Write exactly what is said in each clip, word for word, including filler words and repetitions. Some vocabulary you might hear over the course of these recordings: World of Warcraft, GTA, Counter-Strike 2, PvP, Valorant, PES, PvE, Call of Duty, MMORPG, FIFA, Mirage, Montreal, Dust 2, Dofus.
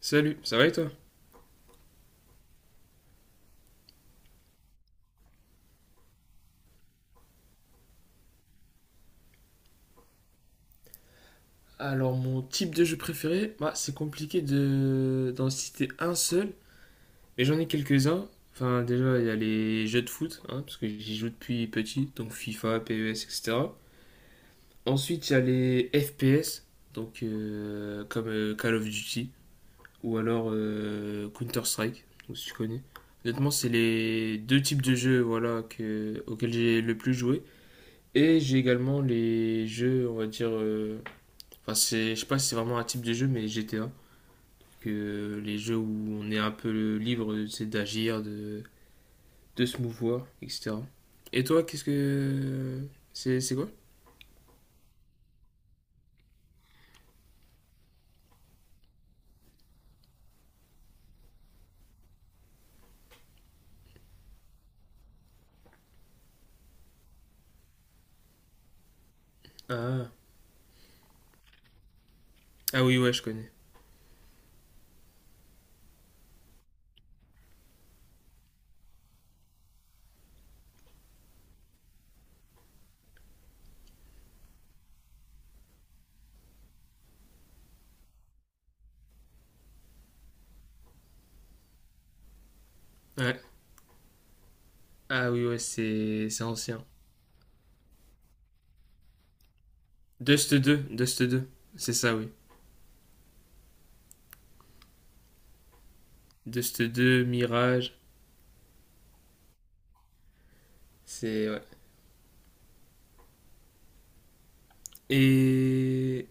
Salut, ça va et toi? Alors, mon type de jeu préféré, bah, c'est compliqué de d'en citer un seul, mais j'en ai quelques-uns. Enfin, déjà, il y a les jeux de foot, hein, parce que j'y joue depuis petit, donc FIFA, P E S, et cetera. Ensuite, il y a les F P S, donc euh, comme euh, Call of Duty, ou alors euh, Counter-Strike, donc, si tu connais. Honnêtement, c'est les deux types de jeux voilà, que, auxquels j'ai le plus joué. Et j'ai également les jeux, on va dire, euh, enfin, c'est, je sais pas si c'est vraiment un type de jeu, mais G T A. Que les jeux où on est un peu libre, c'est d'agir, de, de se mouvoir, et cetera. Et toi, qu'est-ce que. C'est, c'est quoi? Ah. Ah oui, ouais, je connais. Ouais. Ah oui, ouais, c'est, c'est ancien. Dust deux. Dust deux, c'est ça, oui. Dust deux, Mirage, c'est. Ouais. Et.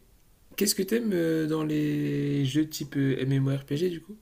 Qu'est-ce que t'aimes euh, dans les jeux type euh, MMORPG du coup?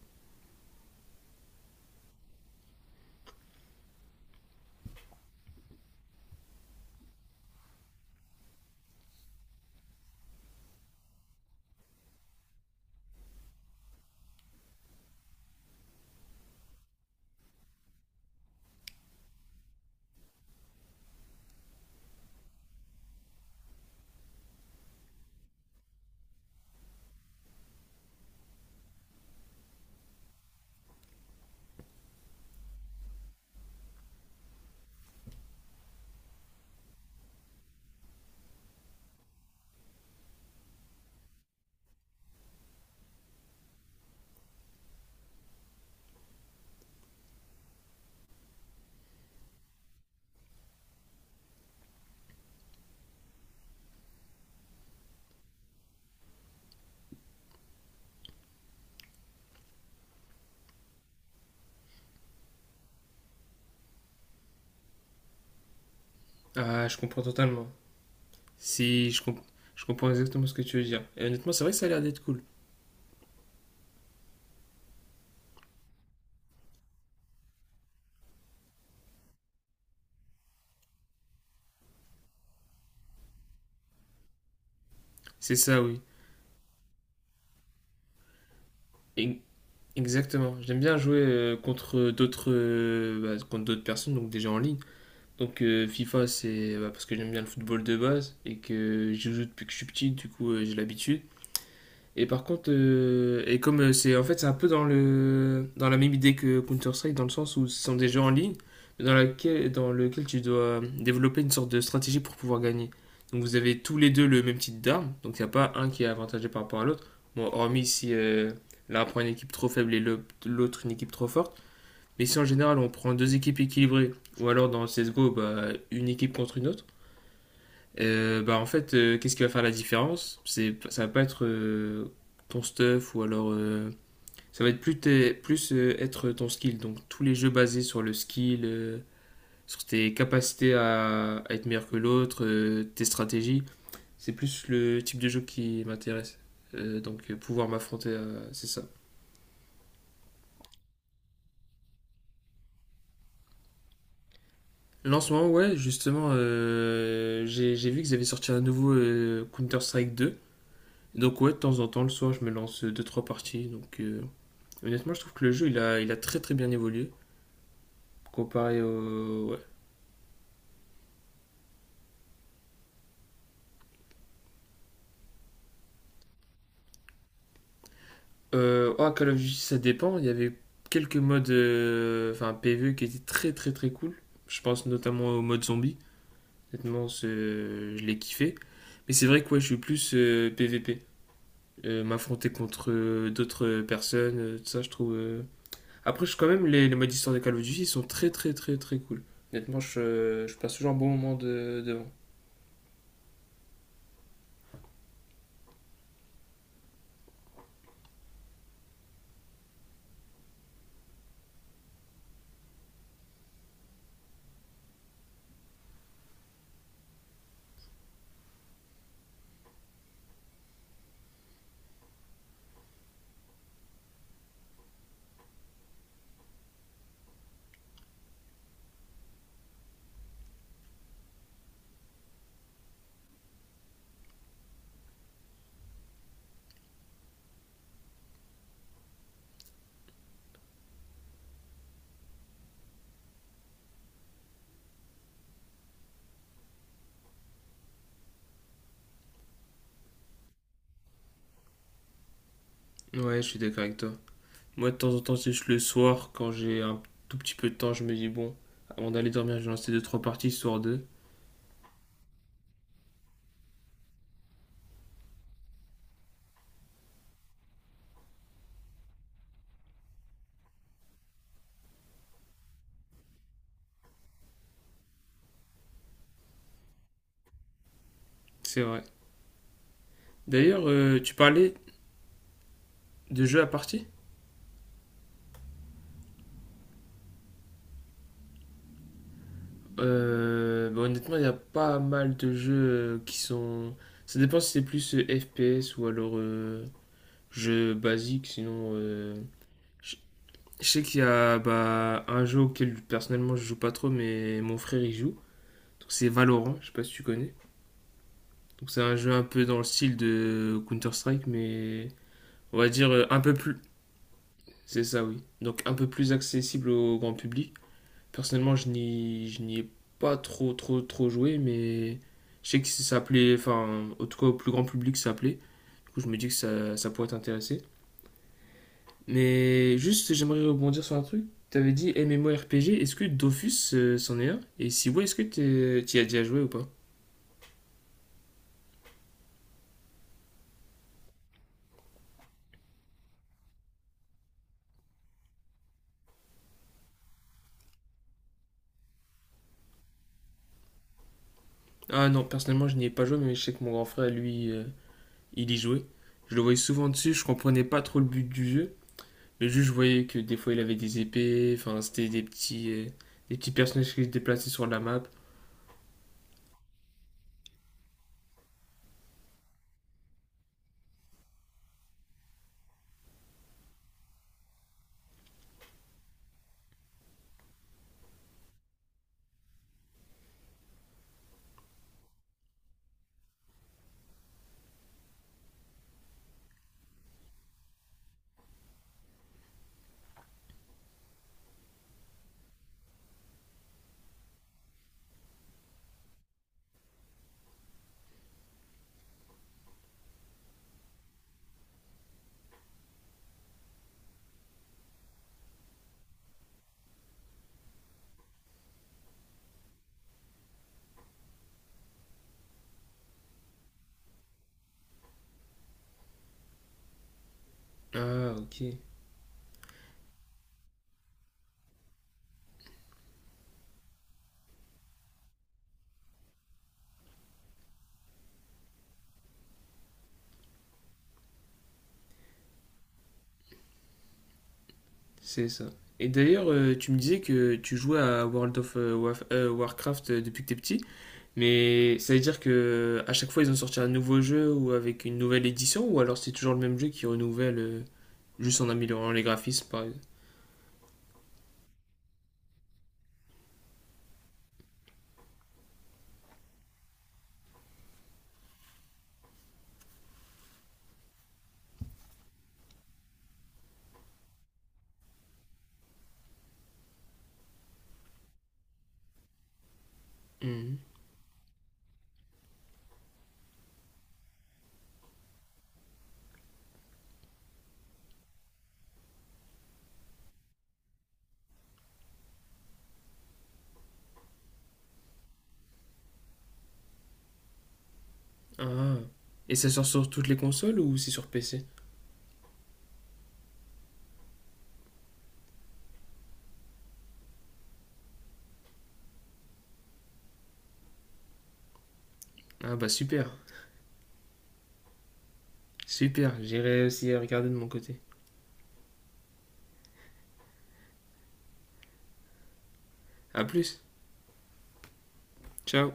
Ah, je comprends totalement. Si je, comp- Je comprends exactement ce que tu veux dire. Et honnêtement, c'est vrai que ça a l'air d'être cool. C'est ça, oui. E- Exactement. J'aime bien jouer euh, contre d'autres euh, bah, contre d'autres personnes, donc déjà en ligne. Donc euh, FIFA, c'est bah, parce que j'aime bien le football de base et que j'y joue depuis que je suis petit, du coup euh, j'ai l'habitude. Et par contre, euh, et comme euh, c'est en fait c'est un peu dans le dans la même idée que Counter Strike dans le sens où ce sont des jeux en ligne, mais dans laquelle dans lequel tu dois développer une sorte de stratégie pour pouvoir gagner. Donc vous avez tous les deux le même type d'armes, donc il n'y a pas un qui est avantagé par rapport à l'autre. Bon, hormis si euh, l'un prend une équipe trop faible et le- l'autre une équipe trop forte. Mais si en général on prend deux équipes équilibrées, ou alors dans C S G O, bah, une équipe contre une autre, euh, bah en fait, euh, qu'est-ce qui va faire la différence? C'est, ça va pas être euh, ton stuff ou alors euh, ça va être plus, tes- plus euh, être ton skill. Donc tous les jeux basés sur le skill, euh, sur tes capacités à, à être meilleur que l'autre, euh, tes stratégies, c'est plus le type de jeu qui m'intéresse. Euh, donc euh, pouvoir m'affronter, à- c'est ça. Là en ce moment, ouais, justement, euh, j'ai, j'ai vu qu'ils avaient sorti un nouveau euh, Counter-Strike deux. Donc ouais, de temps en temps, le soir, je me lance deux trois parties. Donc euh, Honnêtement, je trouve que le jeu, il a, il a très très bien évolué comparé au. Ouais. Euh, oh, Call of Duty, ça dépend. Il y avait quelques modes, euh, enfin PvE, qui étaient très très très cool. Je pense notamment au mode zombie. Honnêtement, c'est- je l'ai kiffé. Mais c'est vrai que ouais, je suis plus euh, PvP. Euh, M'affronter contre euh, d'autres personnes, euh, tout ça, je trouve. euh. Après, je, quand même, les, les modes histoire de Call of Duty, ils sont très très très très cool. Honnêtement, je, je passe toujours un bon moment de, devant. Ouais, je suis d'accord avec toi. Moi, de temps en temps, c'est juste le soir, quand j'ai un tout petit peu de temps, je me dis, bon, avant d'aller dormir, je vais lancer deux trois parties, histoire de. C'est vrai. D'ailleurs, euh, tu parlais de jeux à partie. Euh, bah, Honnêtement, il y a pas mal de jeux euh, qui sont. Ça dépend si c'est plus euh, F P S ou alors euh, jeu basique, sinon. euh, Je je sais qu'il y a bah, un jeu auquel personnellement je joue pas trop, mais mon frère y joue. Donc c'est Valorant, je sais pas si tu connais. Donc c'est un jeu un peu dans le style de Counter-Strike, mais on va dire, euh, un peu plus. C'est ça, oui. Donc un peu plus accessible au grand public. Personnellement, je n'y je n'y ai pas trop, trop, trop joué, mais je sais que ça plaît, enfin, en tout cas au plus grand public, ça plaît. Du coup, je me dis que ça, ça pourrait t'intéresser. Mais juste, j'aimerais rebondir sur un truc. T'avais dit MMORPG, est-ce que Dofus euh, c'en est un? Et si oui, est-ce que tu t'y as déjà joué ou pas? Ah non, personnellement, je n'y ai pas joué, mais je sais que mon grand frère, lui, euh, il y jouait. Je le voyais souvent dessus, je comprenais pas trop le but du jeu. Le juge voyait que des fois il avait des épées, enfin c'était des petits, euh, des petits personnages qui se déplaçaient sur la map. Ah ok, c'est ça. Et d'ailleurs, euh, tu me disais que tu jouais à World of euh, Waf- euh, Warcraft euh, depuis que t'es petit, mais ça veut dire que euh, à chaque fois ils ont sorti un nouveau jeu ou avec une nouvelle édition, ou alors c'est toujours le même jeu qui renouvelle euh, juste en améliorant les graphismes par exemple. Mhm. Ah. Et ça sort sur toutes les consoles ou c'est sur P C? Ah bah super, super, j'irai aussi regarder de mon côté. À plus. Ciao.